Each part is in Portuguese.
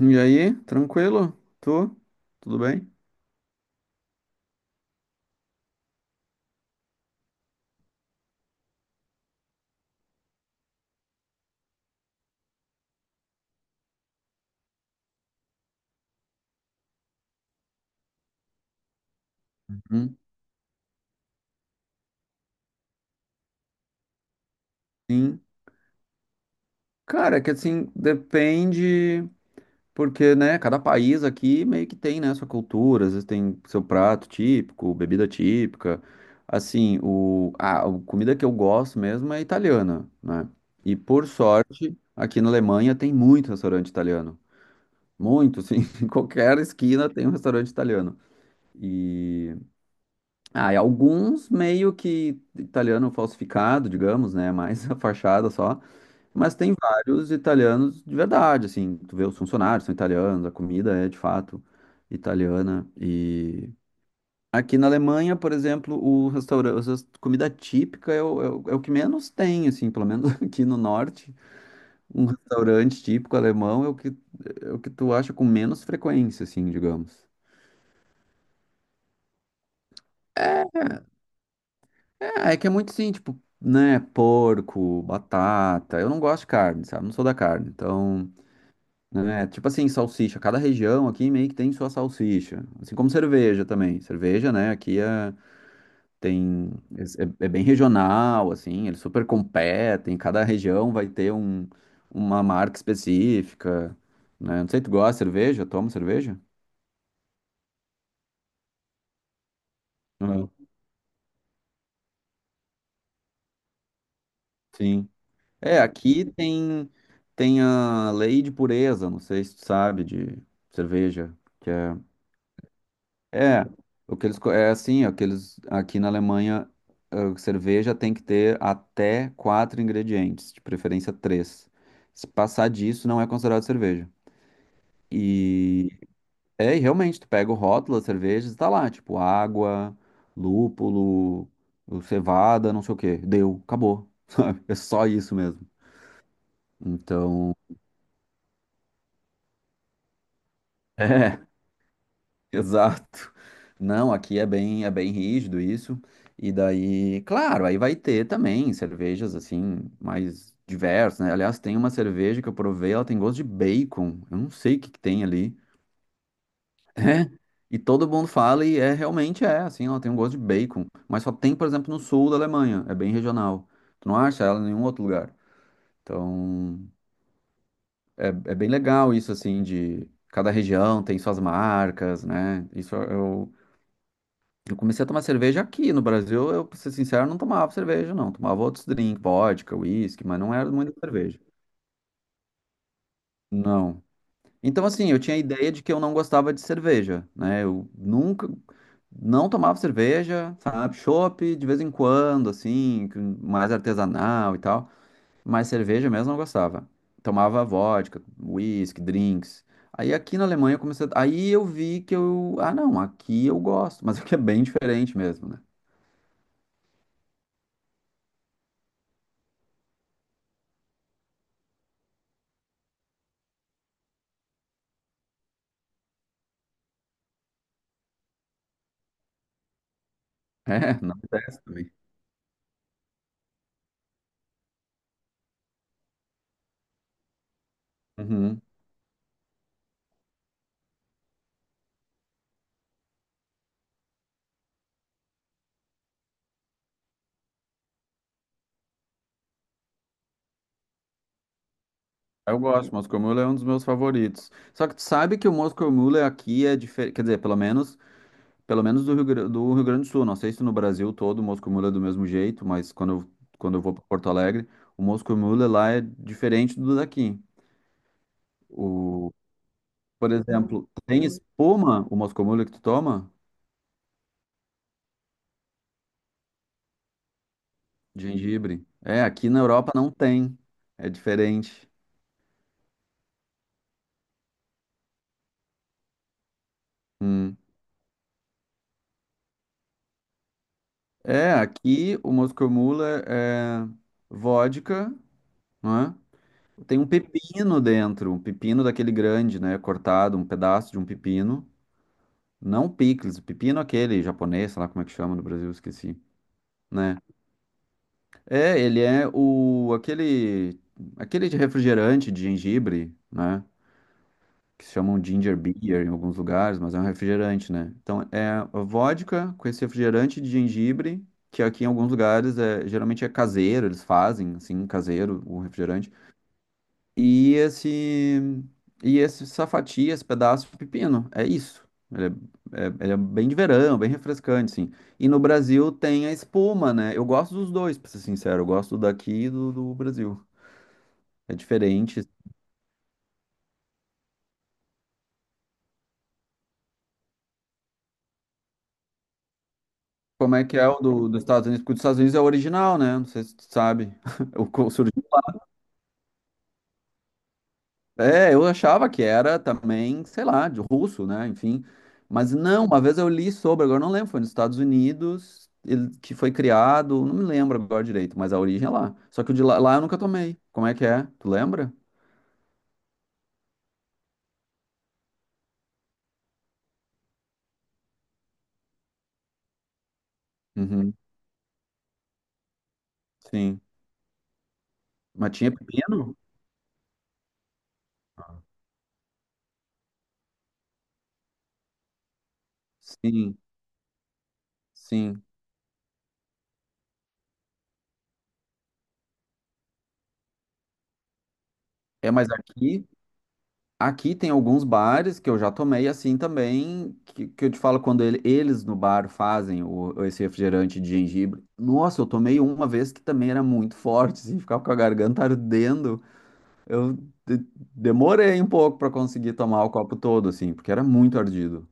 E aí, tranquilo? Tu? Tudo bem? Uhum. Sim. Cara, é que assim, depende, porque, né, cada país aqui meio que tem, né, sua cultura, às vezes tem seu prato típico, bebida típica. Assim, a comida que eu gosto mesmo é italiana, né? E por sorte, aqui na Alemanha tem muito restaurante italiano. Muito, assim, em qualquer esquina tem um restaurante italiano. E e alguns meio que italiano falsificado, digamos, né? Mais a fachada só. Mas tem vários italianos de verdade, assim. Tu vê os funcionários são italianos, a comida é de fato italiana. E aqui na Alemanha, por exemplo, o restaurante, a comida típica é o que menos tem, assim, pelo menos aqui no norte. Um restaurante típico alemão é o que tu acha com menos frequência, assim, digamos. É, é que é muito sim, tipo, né, porco, batata. Eu não gosto de carne, sabe? Não sou da carne. Então, né, tipo assim, salsicha. Cada região aqui meio que tem sua salsicha. Assim como cerveja também. Cerveja, né, aqui é, tem, é, é é bem regional, assim, eles super competem. Cada região vai ter um, uma marca específica, né? Não sei, tu gosta de cerveja? Toma cerveja? Não. Sim. É, aqui tem a lei de pureza, não sei se tu sabe, de cerveja, é, o que eles, é assim, ó, que eles, aqui na Alemanha, a cerveja tem que ter até quatro ingredientes, de preferência três. Se passar disso, não é considerado cerveja. E, e realmente, tu pega o rótulo das cervejas, tá lá, tipo, água, lúpulo, cevada, não sei o quê, deu, acabou, sabe? É só isso mesmo. Então... Exato. Não, aqui é bem rígido isso. E daí, claro, aí vai ter também cervejas assim mais diversas, né? Aliás, tem uma cerveja que eu provei, ela tem gosto de bacon. Eu não sei o que que tem ali. É. E todo mundo fala e realmente é, assim, ela tem um gosto de bacon, mas só tem, por exemplo, no sul da Alemanha, é bem regional. Tu não acha ela em nenhum outro lugar. Então, é bem legal isso assim de cada região tem suas marcas, né? Eu comecei a tomar cerveja aqui no Brasil. Eu, pra ser sincero, não tomava cerveja, não. Tomava outros drinks, vodka, uísque, mas não era muito cerveja. Não. Então, assim, eu tinha a ideia de que eu não gostava de cerveja, né? Eu nunca, Não tomava cerveja, sabe? Chopp de vez em quando, assim, mais artesanal e tal. Mas cerveja mesmo não gostava. Tomava vodka, whisky, drinks. Aí aqui na Alemanha eu comecei. A- Aí eu vi que eu. Ah, não, aqui eu gosto, mas aqui é bem diferente mesmo, né? É, não. Acontece. Uhum. Eu gosto, Moscow Mule é um dos meus favoritos. Só que tu sabe que o Moscow Mule aqui é diferente, quer dizer, pelo menos do Rio Grande do Sul. Não sei se no Brasil todo o Moscow Mule é do mesmo jeito, mas quando eu vou para Porto Alegre, o Moscow Mule lá é diferente do daqui. O, por exemplo, tem espuma o Moscow Mule que tu toma? De gengibre. É, aqui na Europa não tem. É diferente. Hum. É, aqui o Moscow Mule é vodka, né? Tem um pepino dentro, um pepino daquele grande, né? Cortado, um pedaço de um pepino. Não picles, o pepino é aquele japonês, sei lá como é que chama no Brasil, esqueci, né? É, ele é o aquele aquele de refrigerante de gengibre, né? Que se chamam ginger beer em alguns lugares, mas é um refrigerante, né? Então é a vodka com esse refrigerante de gengibre, que aqui em alguns lugares é geralmente caseiro, eles fazem assim caseiro o refrigerante. e esse e esse safati, esse pedaço de pepino. É isso. Ele ele é bem de verão, bem refrescante, sim. E no Brasil tem a espuma, né? Eu gosto dos dois, pra ser sincero. Eu gosto daqui e do Brasil. É diferente. Como é que é dos Estados Unidos? Porque o dos Estados Unidos é o original, né? Não sei se tu sabe. O co- É, eu achava que era também, sei lá, de russo, né? Enfim. Mas não, uma vez eu li sobre, agora não lembro, foi nos Estados Unidos, ele, que foi criado, não me lembro agora direito, mas a origem é lá. Só que lá eu nunca tomei. Como é que é? Tu lembra? Uhum, sim. Mas tinha pepino? Sim, sim. É, mas aqui. Aqui tem alguns bares que eu já tomei assim também, que eu te falo eles no bar fazem o, esse refrigerante de gengibre. Nossa, eu tomei uma vez que também era muito forte, assim, ficava com a garganta ardendo. Eu de- Demorei um pouco para conseguir tomar o copo todo, assim, porque era muito ardido.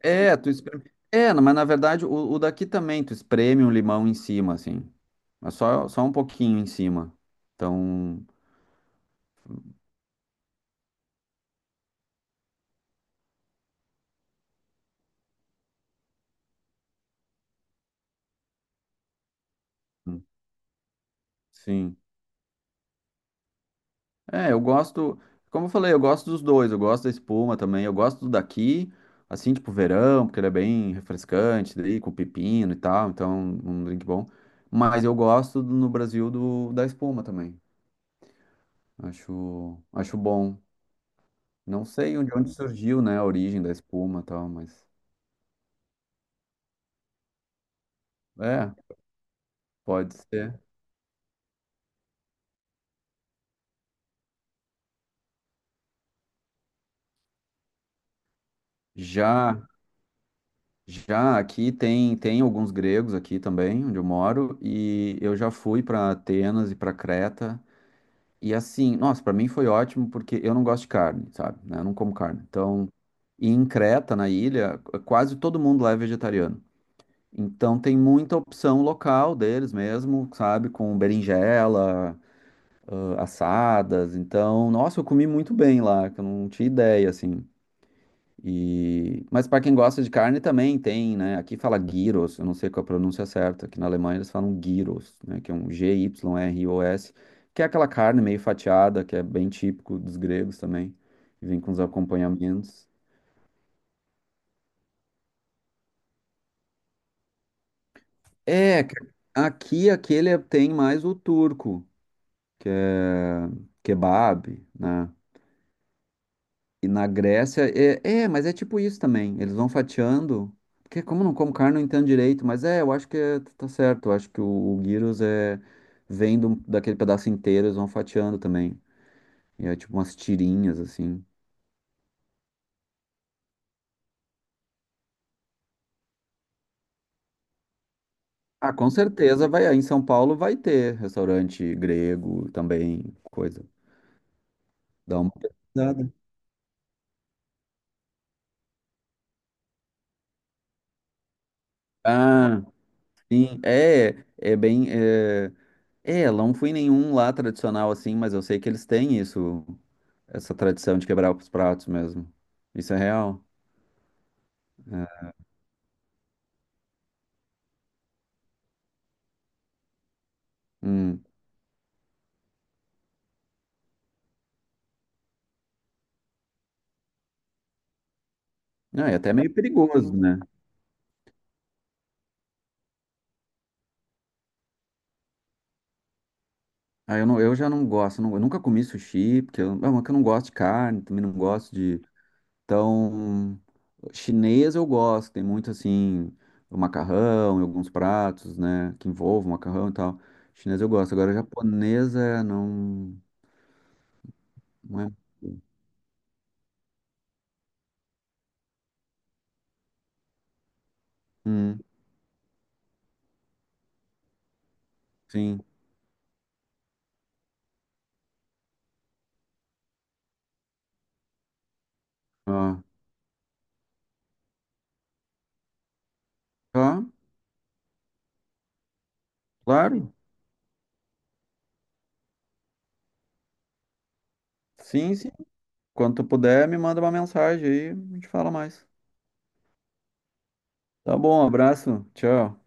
É, tu espreme... É, não, mas na verdade o daqui também, tu espreme um limão em cima, assim, mas só um pouquinho em cima. Então, hum, sim. É, eu gosto, como eu falei, eu gosto dos dois, eu gosto da espuma também, eu gosto do daqui, assim, tipo verão, porque ele é bem refrescante, daí com pepino e tal, então um drink bom. Mas eu gosto no Brasil da espuma também. Acho bom. Não sei onde surgiu, né, a origem da espuma e tal, mas é, pode ser. Já, já aqui tem alguns gregos aqui também, onde eu moro, e eu já fui para Atenas e para Creta. E assim, nossa, pra mim foi ótimo porque eu não gosto de carne, sabe? Né? Eu não como carne. Então, e em Creta, na ilha, quase todo mundo lá é vegetariano. Então tem muita opção local deles mesmo, sabe? Com berinjela, ah, assadas. Então, nossa, eu comi muito bem lá, que eu não tinha ideia, assim. E... Mas para quem gosta de carne também tem, né? Aqui fala gyros, eu não sei qual é a pronúncia certa. Aqui na Alemanha eles falam gyros, né? Que é um G-Y-R-O-S, que é aquela carne meio fatiada, que é bem típico dos gregos também. E vem com os acompanhamentos. É, aqui tem mais o turco, que é kebab, né? E na Grécia, mas é tipo isso também. Eles vão fatiando. Porque como eu não como carne, não entendo direito. Mas é, eu acho tá certo. Eu acho que o gyros é, daquele pedaço inteiro, eles vão fatiando também. E é tipo umas tirinhas, assim. Ah, com certeza vai. Aí em São Paulo vai ter restaurante grego também, coisa. Dá uma pesquisada. Ah, sim. Não fui em nenhum lá tradicional assim, mas eu sei que eles têm isso. Essa tradição de quebrar os pratos mesmo. Isso é real. É. Hum. Não, e até meio perigoso, né? Eu já não gosto, eu nunca comi sushi, porque eu, não, é que eu não gosto de carne, também não gosto de. Então, chinês eu gosto, tem muito assim, o macarrão e alguns pratos, né, que envolvem macarrão e tal. Chinês eu gosto, agora japonesa não, não é. Hum, sim. Ah, tá, claro. Sim, sim. Quando tu puder, me manda uma mensagem aí, a gente fala mais. Tá bom, abraço. Tchau.